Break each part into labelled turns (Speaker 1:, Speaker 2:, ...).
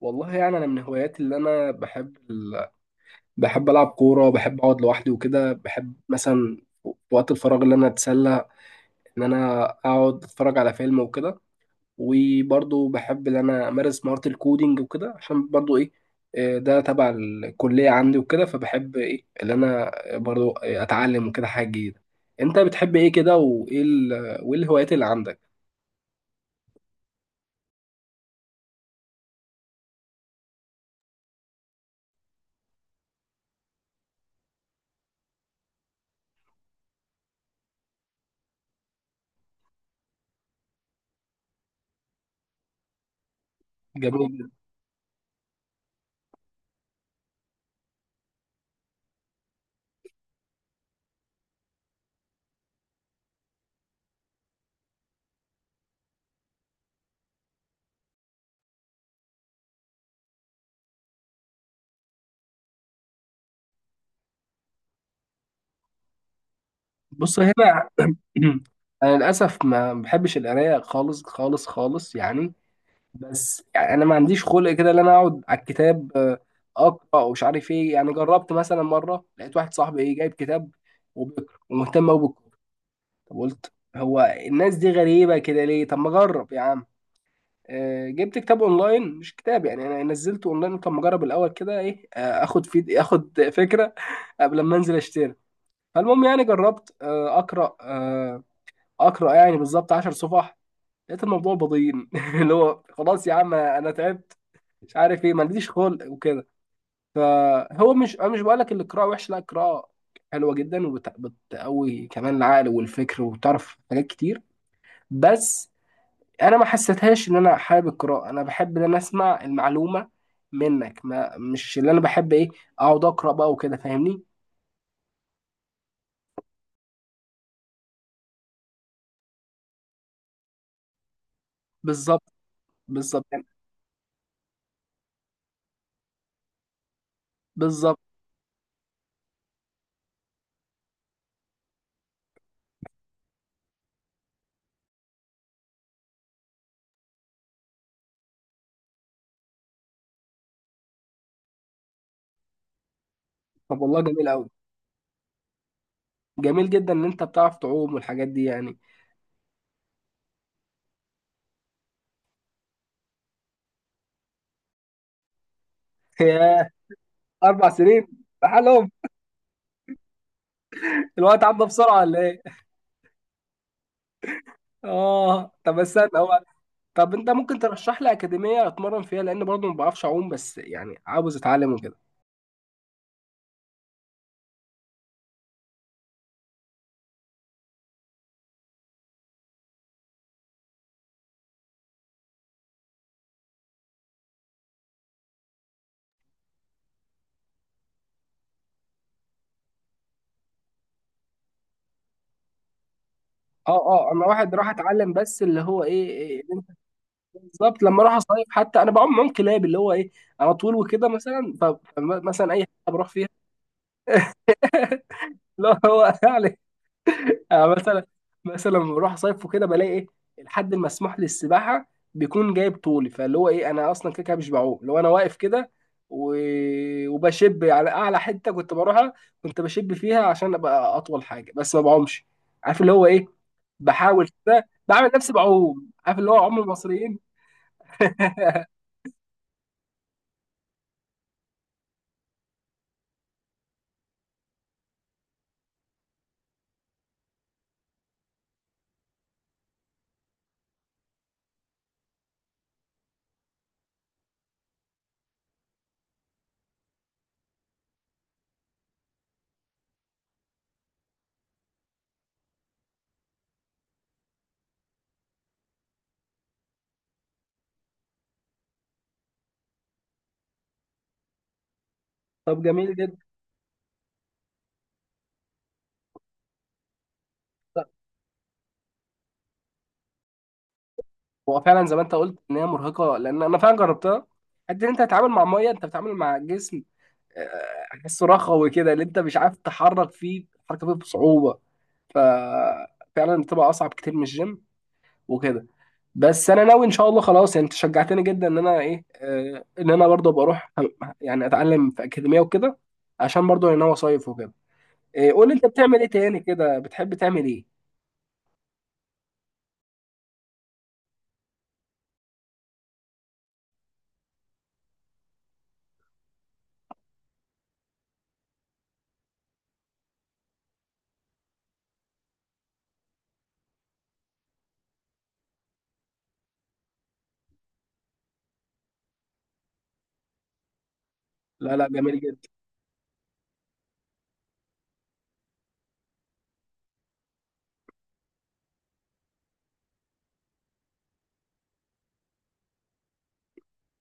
Speaker 1: والله يعني انا من هواياتي اللي انا بحب العب كوره، بحب اقعد لوحدي وكده، بحب مثلا في وقت الفراغ اللي انا اتسلى ان انا اقعد اتفرج على فيلم وكده. وبرضه بحب ان انا امارس مهاره الكودينج وكده عشان برضه ايه. ده تبع الكليه عندي وكده، فبحب ايه اللي انا برضه اتعلم وكده حاجه جديده. انت بتحب ايه كده؟ وايه الهوايات اللي عندك؟ جميل. بص هنا، انا للاسف ما بحبش القرايه خالص خالص خالص يعني. بس يعني انا ما عنديش خلق كده ان انا اقعد على الكتاب، اقرا ومش عارف ايه. يعني جربت مثلا مره، لقيت واحد صاحبي ايه جايب كتاب وبيقرا ومهتم قوي بالكوره. طب قلت هو الناس دي غريبه كده ليه؟ طب ما اجرب يا عم. جبت كتاب اونلاين، مش كتاب يعني، انا نزلته اونلاين. طب ما اجرب الاول كده ايه، اخد فكره قبل ما انزل اشتري. فالمهم يعني جربت اقرا، اقرا يعني بالظبط 10 صفح، لقيت الموضوع بضيين اللي هو خلاص يا عم انا تعبت، مش عارف ايه، ما عنديش خلق وكده. فهو مش انا مش بقول لك القراءه وحشه، لا، القراءه حلوه جدا وبتقوي كمان العقل والفكر وتعرف حاجات كتير. بس انا ما حسيتهاش ان انا حابب القراءه. انا بحب ان انا اسمع المعلومه منك، ما مش اللي انا بحب ايه اقعد اقرا بقى وكده، فاهمني؟ بالظبط. بالظبط. بالظبط. طب والله جميل قوي. جميل جدا ان انت بتعرف تعوم والحاجات دي يعني. 4 سنين بحالهم؟ الوقت عدى بسرعه ولا ايه؟ اه طب استنى هو، طب انت ممكن ترشح لي اكاديميه اتمرن فيها؟ لان برضه ما بعرفش اعوم، بس يعني عاوز اتعلم وكده. اه اه، انا واحد راح اتعلم بس اللي هو ايه، إيه. بالظبط. لما اروح اصيف حتى انا بعوم معوم كلاب، اللي هو ايه انا طول وكده مثلا، فمثلا اي حاجه بروح فيها اللي هو يعني. أنا مثلا، مثلا لما بروح اصيف وكده بلاقي ايه الحد المسموح للسباحه بيكون جايب طولي، فاللي هو ايه انا اصلا كده كده مش بعوم لو انا واقف كده و... وبشب على اعلى حته كنت بروحها، كنت بشب فيها عشان ابقى اطول حاجه، بس ما بعومش. عارف اللي هو ايه، بحاول كده بعمل نفسي بعوم، عارف اللي هو عم المصريين. طب جميل جدا. هو فعلا زي ما انت قلت ان هي مرهقه، لان انا فعلا جربتها. قد إن انت تتعامل مع ميه، انت بتتعامل مع جسم احسه رخوي كده، اللي انت مش عارف تحرك فيه، تحرك فيه بصعوبه. ففعلا بتبقى اصعب كتير من الجيم وكده. بس انا ناوي ان شاء الله، خلاص يعني انت شجعتني جدا ان انا ايه ان انا برضه بروح يعني اتعلم في اكاديميه وكده، عشان برضه انا ناوي اصيف وكده. قول لي انت بتعمل ايه تاني كده؟ بتحب تعمل ايه؟ لا لا جميل جدا.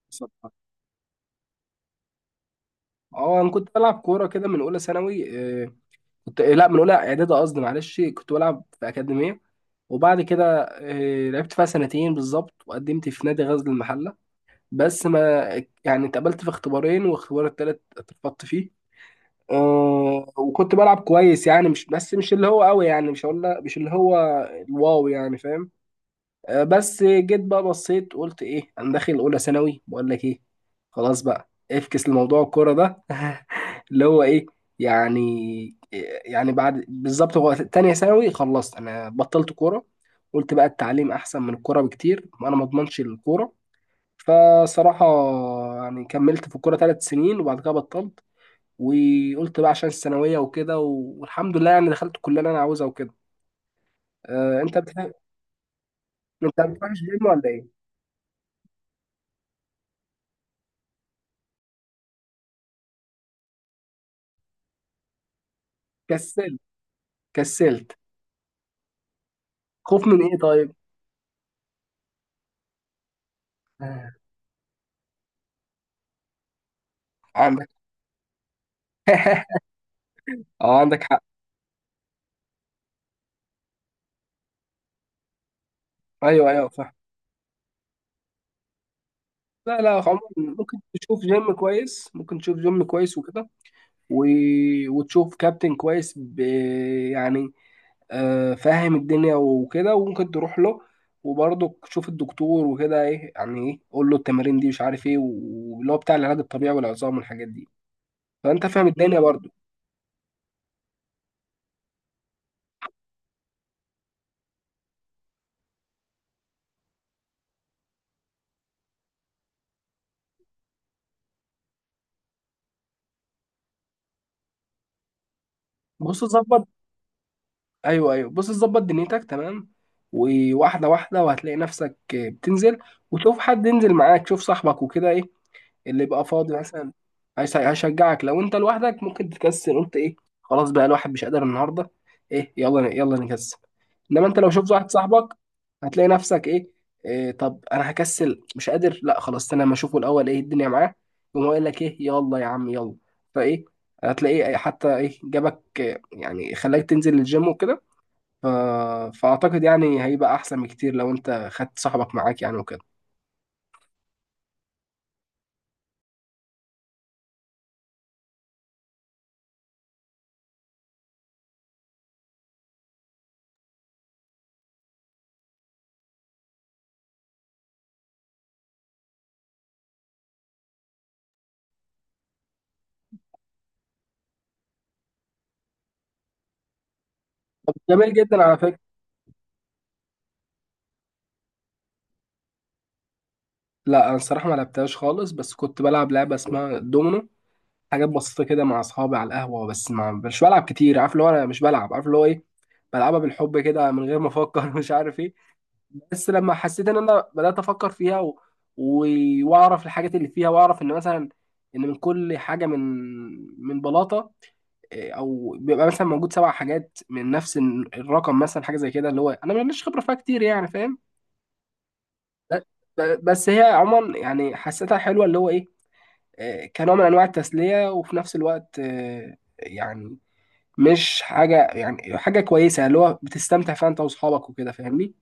Speaker 1: بصراحه. اه انا كنت بلعب كوره كده من اولى ثانوي كنت لا من اولى اعدادي قصدي، معلش. كنت بلعب في اكاديميه، وبعد كده لعبت فيها سنتين بالظبط، وقدمت في نادي غزل المحله. بس ما يعني اتقبلت في اختبارين واختبار التالت اترفضت فيه. أه. وكنت بلعب كويس يعني، مش بس مش اللي هو قوي يعني، مش هقول مش اللي هو الواو يعني، فاهم؟ بس جيت بقى بصيت، قلت ايه انا داخل اولى ثانوي، بقول لك ايه خلاص بقى افكس لموضوع الكوره ده. اللي هو ايه يعني يعني بعد بالظبط هو تانية ثانوي خلصت انا بطلت كوره. قلت بقى التعليم احسن من الكوره بكتير، وانا ما اضمنش الكوره. فصراحه يعني كملت في الكوره 3 سنين، وبعد كده بطلت. وقلت بقى عشان الثانويه وكده، والحمد لله يعني دخلت الكليه اللي انا عاوزها وكده. أه انت بتحب، انت ما بتروحش جيم ولا ايه؟ كسل. كسلت. خوف من ايه طيب؟ آه. عندك. اه عندك حق. ايوه ايوه فاهم. لا لا عموما ممكن تشوف جيم كويس، ممكن تشوف جيم كويس وكده و... وتشوف كابتن كويس يعني آه فاهم الدنيا وكده، وممكن تروح له. وبرضه تشوف الدكتور وكده، ايه يعني، ايه قول له التمارين دي مش عارف ايه، واللي هو بتاع العلاج الطبيعي والعظام والحاجات دي. فانت فاهم الدنيا برضه. بص ظبط. ايوه ايوه بص ظبط دنيتك تمام، وواحده واحده وهتلاقي نفسك بتنزل. وتشوف حد ينزل معاك، تشوف صاحبك وكده ايه اللي يبقى فاضي مثلا. هيشجعك. لو انت لوحدك ممكن تكسل، قلت ايه خلاص بقى، الواحد مش قادر النهارده، ايه، يلا يلا نكسل. انما انت لو شفت واحد صاحبك هتلاقي نفسك ايه، طب انا هكسل مش قادر، لا خلاص انا ما اشوفه الاول ايه الدنيا معاه، يقوم هو قايل لك ايه يلا يا عم يلا. فايه، هتلاقيه حتى ايه جابك يعني خلاك تنزل الجيم وكده. ف... فأعتقد يعني هيبقى أحسن بكتير لو أنت خدت صاحبك معاك يعني وكده. طب جميل جدا على فكرة. لا أنا الصراحة ما لعبتهاش خالص، بس كنت بلعب لعبة اسمها دومينو. حاجات بسيطة كده مع أصحابي على القهوة، بس ما مش بلعب كتير. عارف اللي هو أنا مش بلعب، عارف اللي هو إيه بلعبها بالحب كده من غير ما أفكر. مش عارف إيه. بس لما حسيت إن أنا بدأت أفكر فيها و... وأعرف الحاجات اللي فيها، وأعرف إن مثلا إن من كل حاجة، من بلاطة او بيبقى مثلا موجود 7 حاجات من نفس الرقم مثلا، حاجه زي كده اللي هو انا ماليش خبره فيها كتير يعني، فاهم؟ ب- بس هي عموما يعني حسيتها حلوه، اللي هو ايه كنوع من انواع التسليه، وفي نفس الوقت يعني مش حاجه يعني، حاجه كويسه اللي هو بتستمتع فيها انت واصحابك وكده، فاهمني؟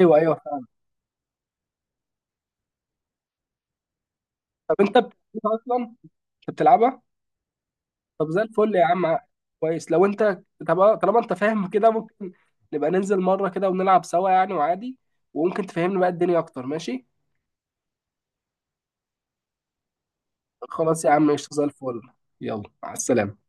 Speaker 1: ايوه ايوه فاهم. طب انت بتلعبها اصلا؟ انت بتلعبها؟ طب زي الفل يا عم. كويس لو انت، طب طالما انت فاهم كده، ممكن نبقى ننزل مرة كده ونلعب سوا يعني، وعادي وممكن تفهمني بقى الدنيا اكتر، ماشي؟ خلاص يا عم قشطة زي الفل. يلا مع السلامة.